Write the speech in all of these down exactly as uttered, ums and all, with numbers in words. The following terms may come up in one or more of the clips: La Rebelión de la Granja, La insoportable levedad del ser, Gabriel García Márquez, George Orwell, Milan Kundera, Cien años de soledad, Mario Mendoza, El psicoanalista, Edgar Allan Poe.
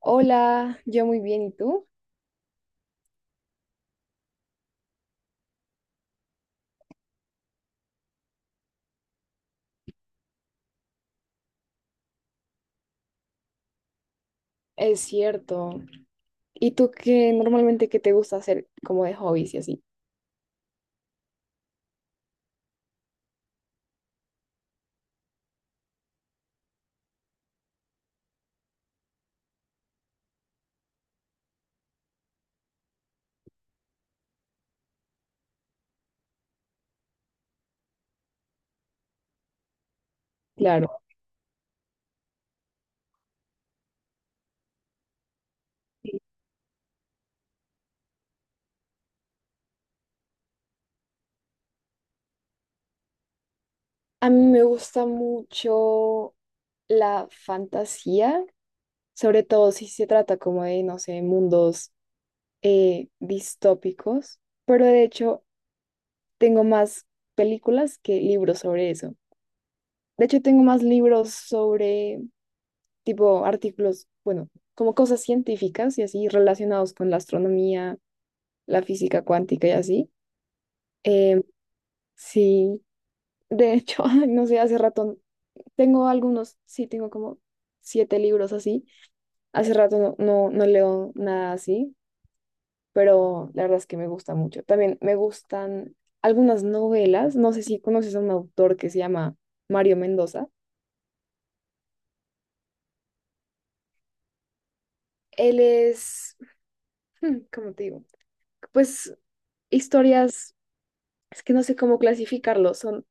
Hola, yo muy bien, ¿y tú? Es cierto. ¿Y tú qué normalmente qué te gusta hacer como de hobbies y así? Claro. A mí me gusta mucho la fantasía, sobre todo si se trata como de, no sé, mundos eh, distópicos, pero de hecho tengo más películas que libros sobre eso. De hecho tengo más libros sobre tipo artículos, bueno, como cosas científicas y así relacionados con la astronomía, la física cuántica y así. eh, sí, de hecho, ay, no sé, hace rato tengo algunos, sí, tengo como siete libros así. Hace rato no, no, no leo nada así, pero la verdad es que me gusta mucho. También me gustan algunas novelas. No sé si conoces a un autor que se llama Mario Mendoza. Él es, hmm, ¿cómo te digo? Pues historias, es que no sé cómo clasificarlo, son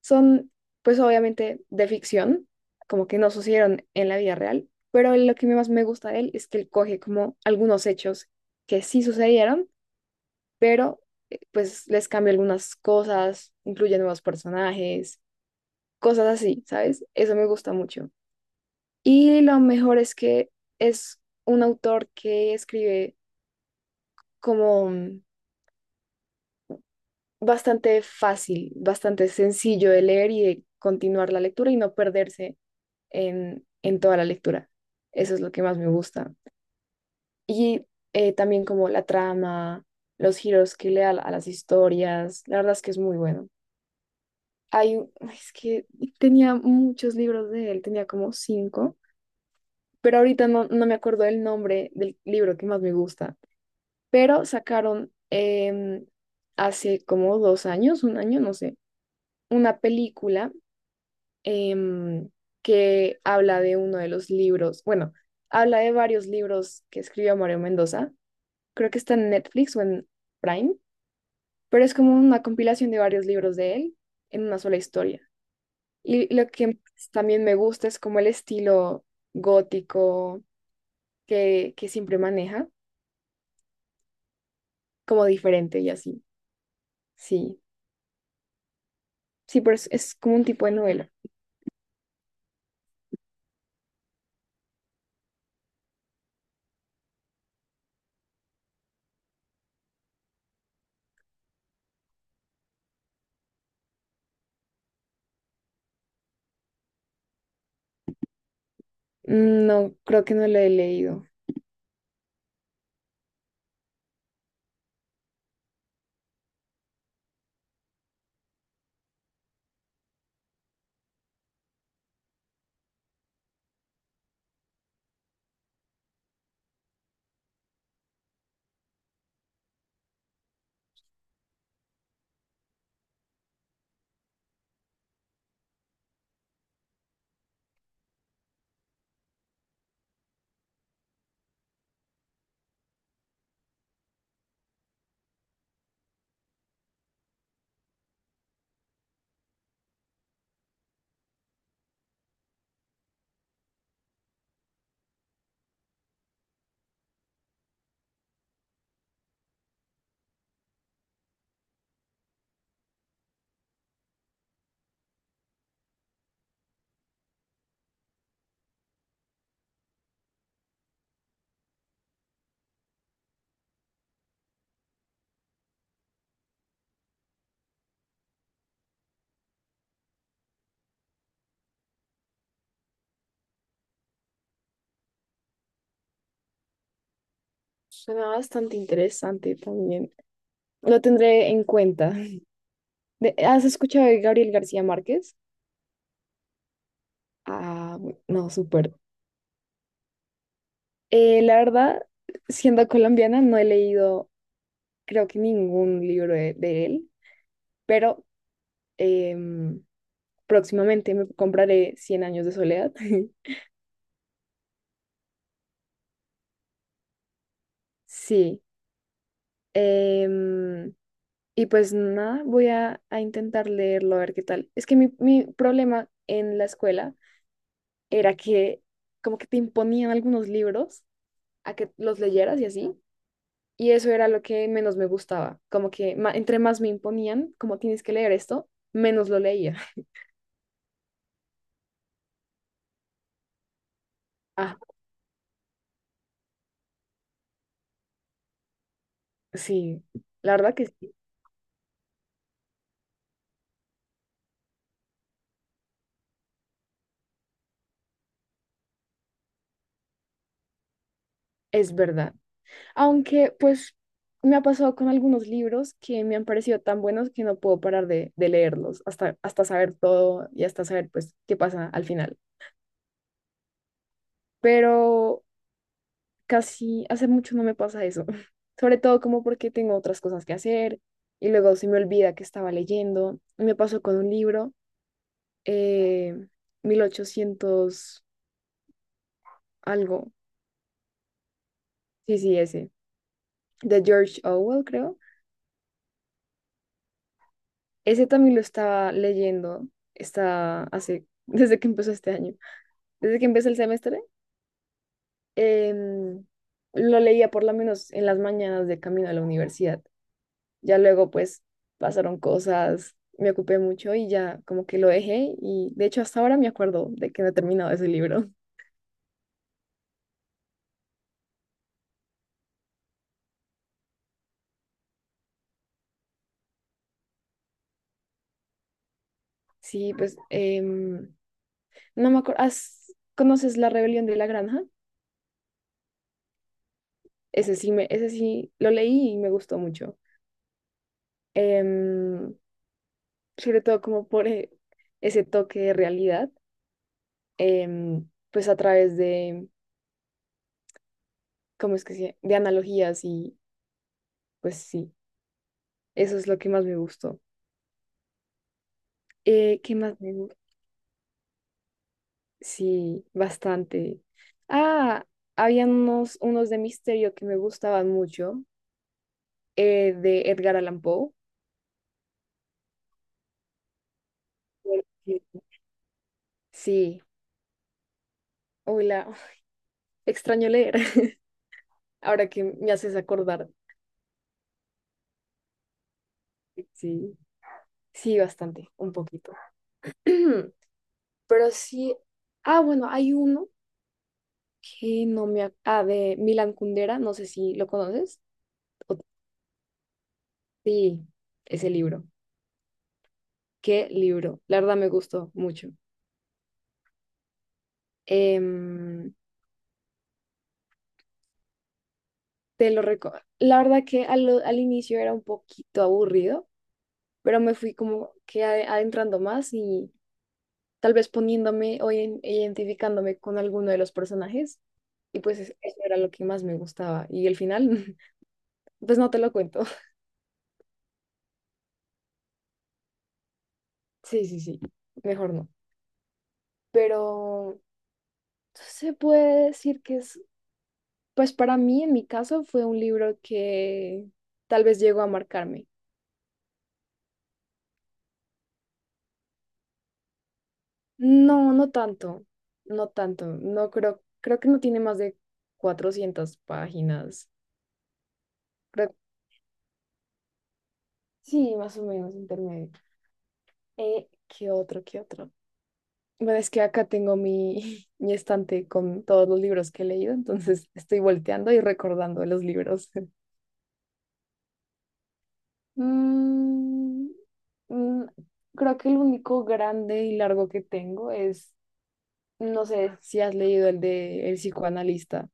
Son, pues obviamente, de ficción, como que no sucedieron en la vida real, pero lo que más me gusta de él es que él coge como algunos hechos que sí sucedieron, pero eh, pues les cambia algunas cosas, incluye nuevos personajes, cosas así, ¿sabes? Eso me gusta mucho. Y lo mejor es que es un autor que escribe como mm, bastante fácil, bastante sencillo de leer y de continuar la lectura y no perderse en, en toda la lectura. Eso es lo que más me gusta. Y eh, también como la trama, los giros que le da a las historias, la verdad es que es muy bueno. Hay, un- ay, es que tenía muchos libros de él, tenía como cinco, pero ahorita no, no me acuerdo el nombre del libro que más me gusta. Pero sacaron em, hace como dos años, un año, no sé, una película em, que habla de uno de los libros, bueno, habla de varios libros que escribió Mario Mendoza, creo que está en Netflix o en Prime, pero es como una compilación de varios libros de él en una sola historia. Y lo que pues, también me gusta es como el estilo gótico que, que siempre maneja, como diferente y así. Sí, sí, pero es, es como un tipo de novela. Mm, no, creo que no lo he leído. Suena bastante interesante también. Lo tendré en cuenta. De- ¿has escuchado de Gabriel García Márquez? Ah, bu- no, súper. Eh, la verdad, siendo colombiana, no he leído, creo que ningún libro de, de, él, pero em, próximamente me compraré Cien años de soledad. Sí. Em, Y pues nada, voy a, a, intentar leerlo a ver qué tal. Es que mi, mi problema en la escuela era que como que te imponían algunos libros a que los leyeras y así. Y eso era lo que menos me gustaba. Como que ma- entre más me imponían, como tienes que leer esto, menos lo leía. Ah, sí, la verdad que sí, es verdad. Aunque pues me ha pasado con algunos libros que me han parecido tan buenos que no puedo parar de, de, leerlos hasta, hasta saber todo y hasta saber pues qué pasa al final. Pero casi hace mucho no me pasa eso. Sobre todo como porque tengo otras cosas que hacer y luego se me olvida que estaba leyendo. Me pasó con un libro, eh, mil ochocientos algo, sí, sí, ese, de George Orwell, creo. Ese también lo estaba leyendo, está hace, desde que empezó este año, desde que empezó el semestre. em, lo leía por lo menos en las mañanas de camino a la universidad. Ya luego pues pasaron cosas, me ocupé mucho y ya como que lo dejé y de hecho hasta ahora me acuerdo de que no he terminado ese libro. Sí, pues em, no me acuerdo, ¿conoces La Rebelión de la Granja? Ese sí, me, ese sí lo leí y me gustó mucho. Em, Sobre todo como por eh, ese toque de realidad, em, pues a través de, ¿cómo es que se? De analogías y pues sí, eso es lo que más me gustó. Eh, ¿qué más me gusta? Sí, bastante. Ah, habían unos, unos de misterio que me gustaban mucho, eh, de Edgar Allan Poe. porque- Sí, hola, extraño leer, ahora que me haces acordar. Sí, sí, bastante, un poquito. Pero sí, ah, bueno, hay uno que no me ac- Ah, de Milan Kundera, no sé si lo conoces. o- Sí, ese libro. ¿Qué libro? La verdad me gustó mucho. Em, Te lo recuerdo. La verdad que al, al inicio era un poquito aburrido, pero me fui como que ade- adentrando más y tal vez poniéndome o ien- identificándome con alguno de los personajes. Y pues es- eso era lo que más me gustaba. Y el final, pues no te lo cuento. Sí, sí, sí, mejor no. Pero se puede decir que es, pues para mí, en mi caso, fue un libro que tal vez llegó a marcarme. No, no tanto, no tanto, no creo, creo que no tiene más de cuatrocientas páginas, creo, sí, más o menos intermedio. Eh, ¿qué otro, qué otro? Bueno, es que acá tengo mi, mi estante con todos los libros que he leído, entonces estoy volteando y recordando los libros. Mm, mm, creo que el único grande y largo que tengo es, no sé si has leído el de El psicoanalista.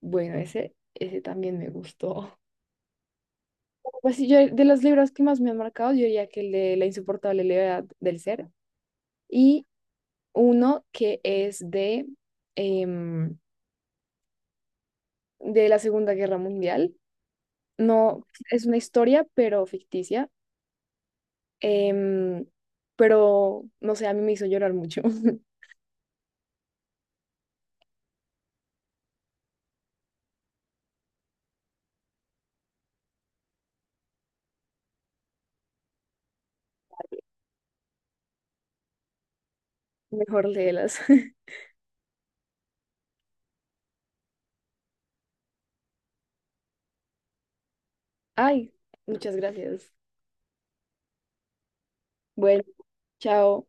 Bueno, ese, ese también me gustó. Pues sí, yo de los libros que más me han marcado, yo diría que el de La insoportable levedad del ser y uno que es de, em, de la Segunda Guerra Mundial. No, es una historia, pero ficticia. em, pero, no sé, a mí me hizo llorar mucho. Mejor léelas. Ay, muchas gracias. Bueno, chao.